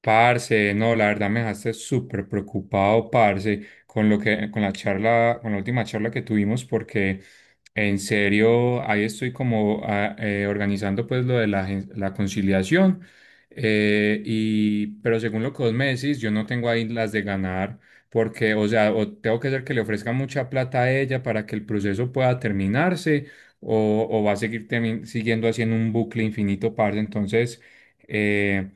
Parce, no, la verdad me dejaste súper preocupado, parce, con con la charla, con la última charla que tuvimos, porque en serio, ahí estoy como organizando pues lo de la conciliación, pero según lo que vos me decís, yo no tengo ahí las de ganar, porque, o sea, o tengo que hacer que le ofrezca mucha plata a ella para que el proceso pueda terminarse, o va a seguir siguiendo haciendo un bucle infinito, parce, entonces... Eh,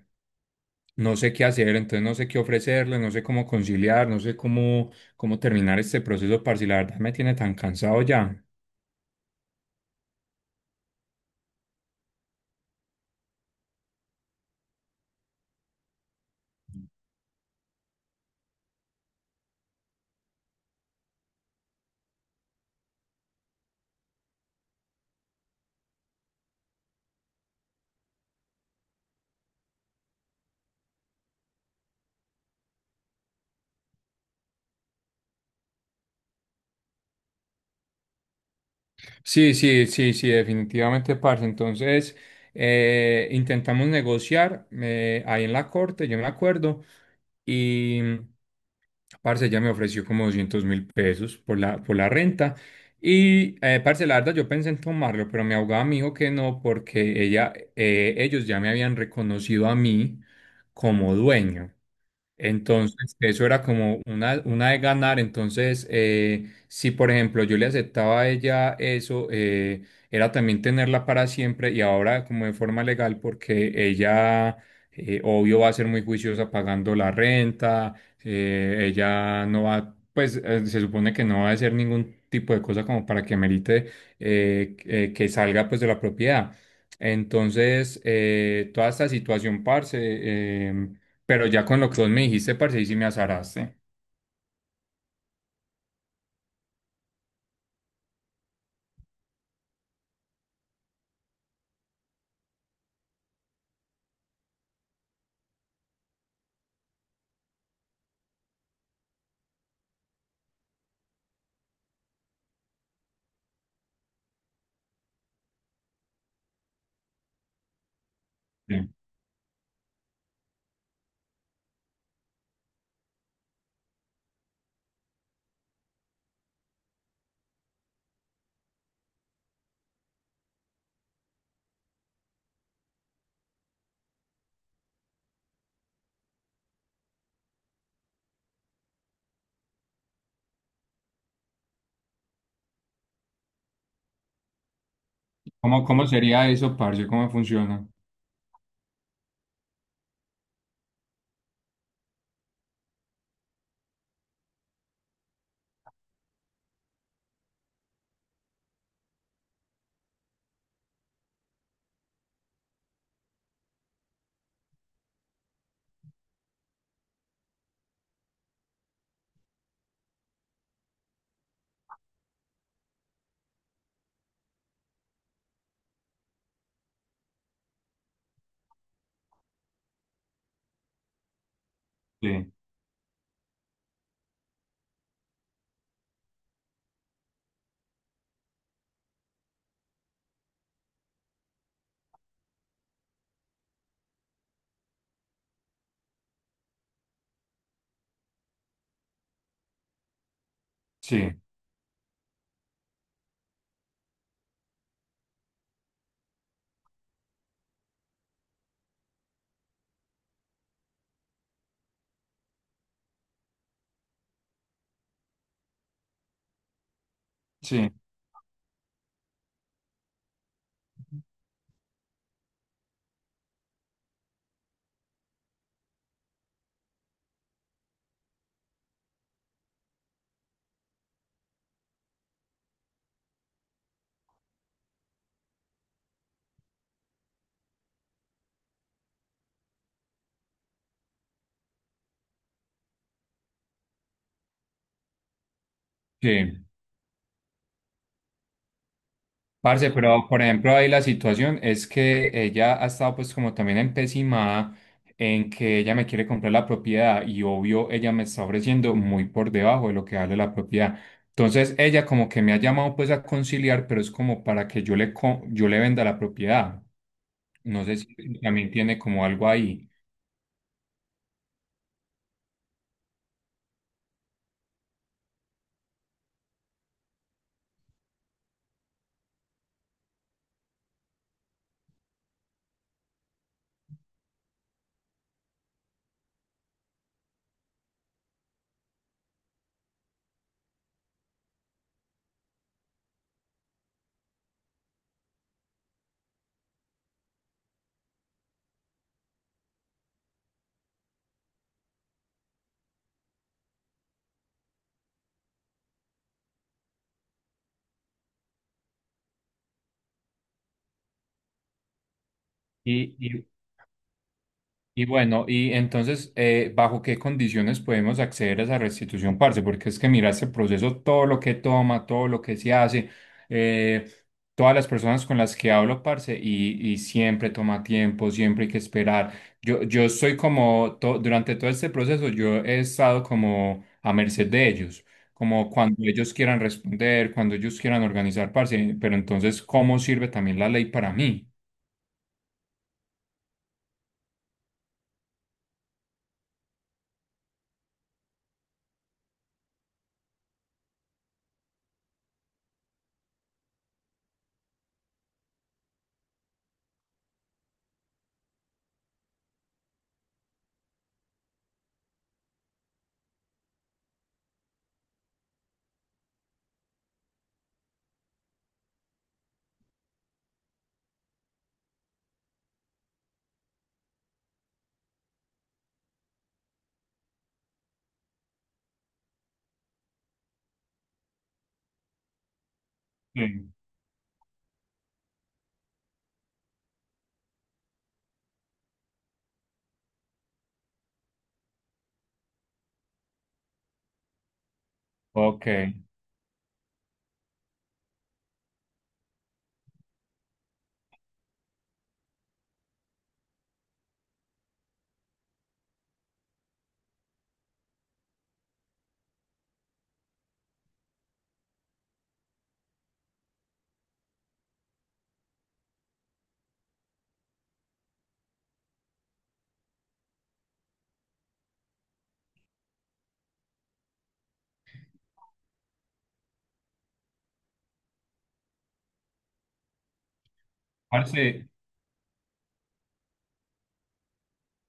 no sé qué hacer, entonces no sé qué ofrecerle, no sé cómo conciliar, no sé cómo, cómo terminar este proceso, parce, la verdad me tiene tan cansado ya. Sí, sí, sí, sí, definitivamente, parce, entonces intentamos negociar ahí en la corte, yo me acuerdo, y parce, ella me ofreció como 200.000 pesos por por la renta. Parce, la verdad, yo pensé en tomarlo, pero mi abogada me dijo que no, porque ellos ya me habían reconocido a mí como dueño. Entonces, eso era como una de ganar. Entonces, si por ejemplo yo le aceptaba a ella eso, era también tenerla para siempre y ahora como de forma legal, porque ella, obvio, va a ser muy juiciosa pagando la renta, ella no va, pues se supone que no va a hacer ningún tipo de cosa como para que merite que salga pues de la propiedad. Entonces, toda esta situación, parce, pero ya con lo que vos me dijiste, parce, y sí me azaraste. Sí. ¿Cómo, cómo sería eso, parce? ¿Cómo funciona? Sí, sí, sí, sí. Parce, pero por ejemplo, ahí la situación es que ella ha estado pues como también empecinada en que ella me quiere comprar la propiedad y obvio ella me está ofreciendo muy por debajo de lo que vale la propiedad. Entonces ella como que me ha llamado pues a conciliar, pero es como para que yo yo le venda la propiedad. No sé si también tiene como algo ahí. Y, Y bueno, y entonces, ¿bajo qué condiciones podemos acceder a esa restitución, parce? Porque es que mira este proceso, todo lo que toma, todo lo que se hace, eh, todas las personas con las que hablo, parce, y siempre toma tiempo, siempre hay que esperar. Yo soy como, to- durante todo este proceso, yo he estado como a merced de ellos, como cuando ellos quieran responder, cuando ellos quieran organizar, parce, pero entonces, ¿cómo sirve también la ley para mí? Sí. Ok. Parce,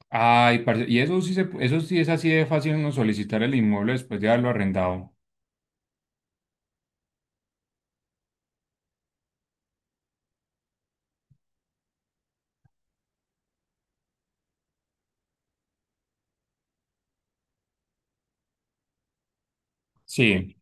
ay, parce, y eso eso sí es así de fácil uno solicitar el inmueble después de haberlo arrendado. Sí.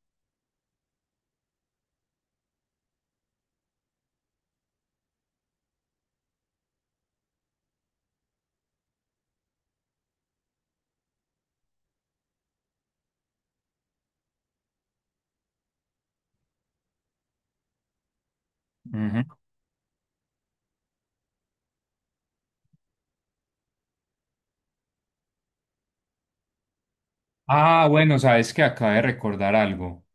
Ujú. Ah, bueno, sabes que acabé de recordar algo.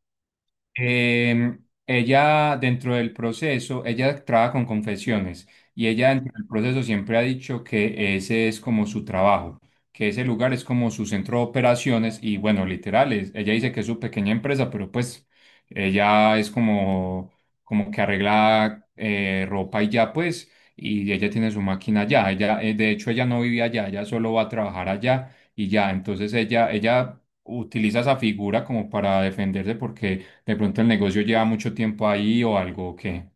Ella, dentro del proceso, ella trabaja con confesiones y ella dentro del proceso siempre ha dicho que ese es como su trabajo, que ese lugar es como su centro de operaciones y bueno, literal, es- ella dice que es su pequeña empresa, pero pues ella es como, como que arregla ropa y ya pues, y ella tiene su máquina allá, ella, de hecho ella no vive allá, ella solo va a trabajar allá y ya, entonces ella utiliza esa figura como para defenderse porque de pronto el negocio lleva mucho tiempo ahí o algo, ¿o qué?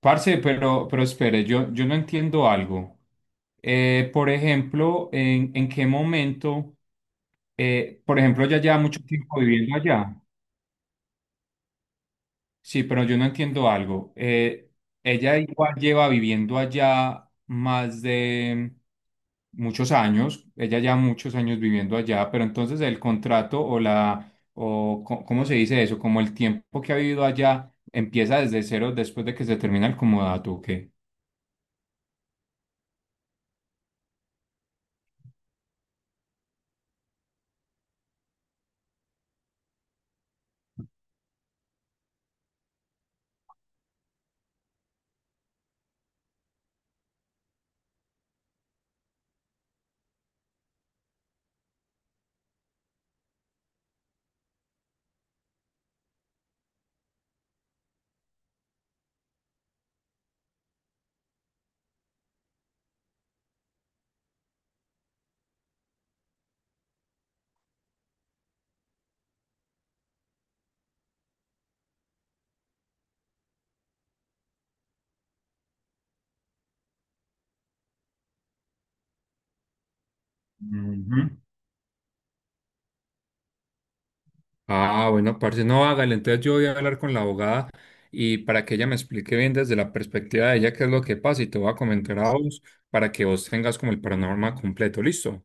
Parce, pero espere, yo no entiendo algo. Por ejemplo, en qué momento, por ejemplo, ya lleva mucho tiempo viviendo allá? Sí, pero yo no entiendo algo. Ella igual lleva viviendo allá más de muchos años. Ella ya muchos años viviendo allá, pero entonces el contrato o ¿cómo se dice eso? Como el tiempo que ha vivido allá empieza desde cero después de que se termina el comodato, ¿o qué? Ujú. Ah, bueno, parce, no, hágale. Entonces yo voy a hablar con la abogada y para que ella me explique bien desde la perspectiva de ella qué es lo que pasa y te voy a comentar a vos para que vos tengas como el panorama completo, ¿listo?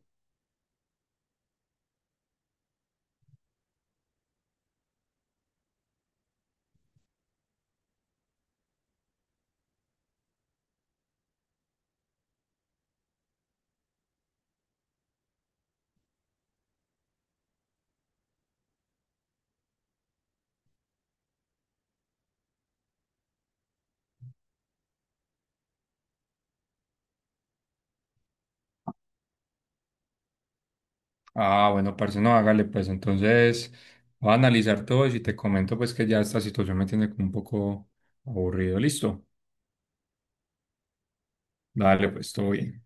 Ah, bueno, parce, no, hágale, pues entonces voy a analizar todo y si te comento pues que ya esta situación me tiene como un poco aburrido, ¿listo? Dale, pues todo bien.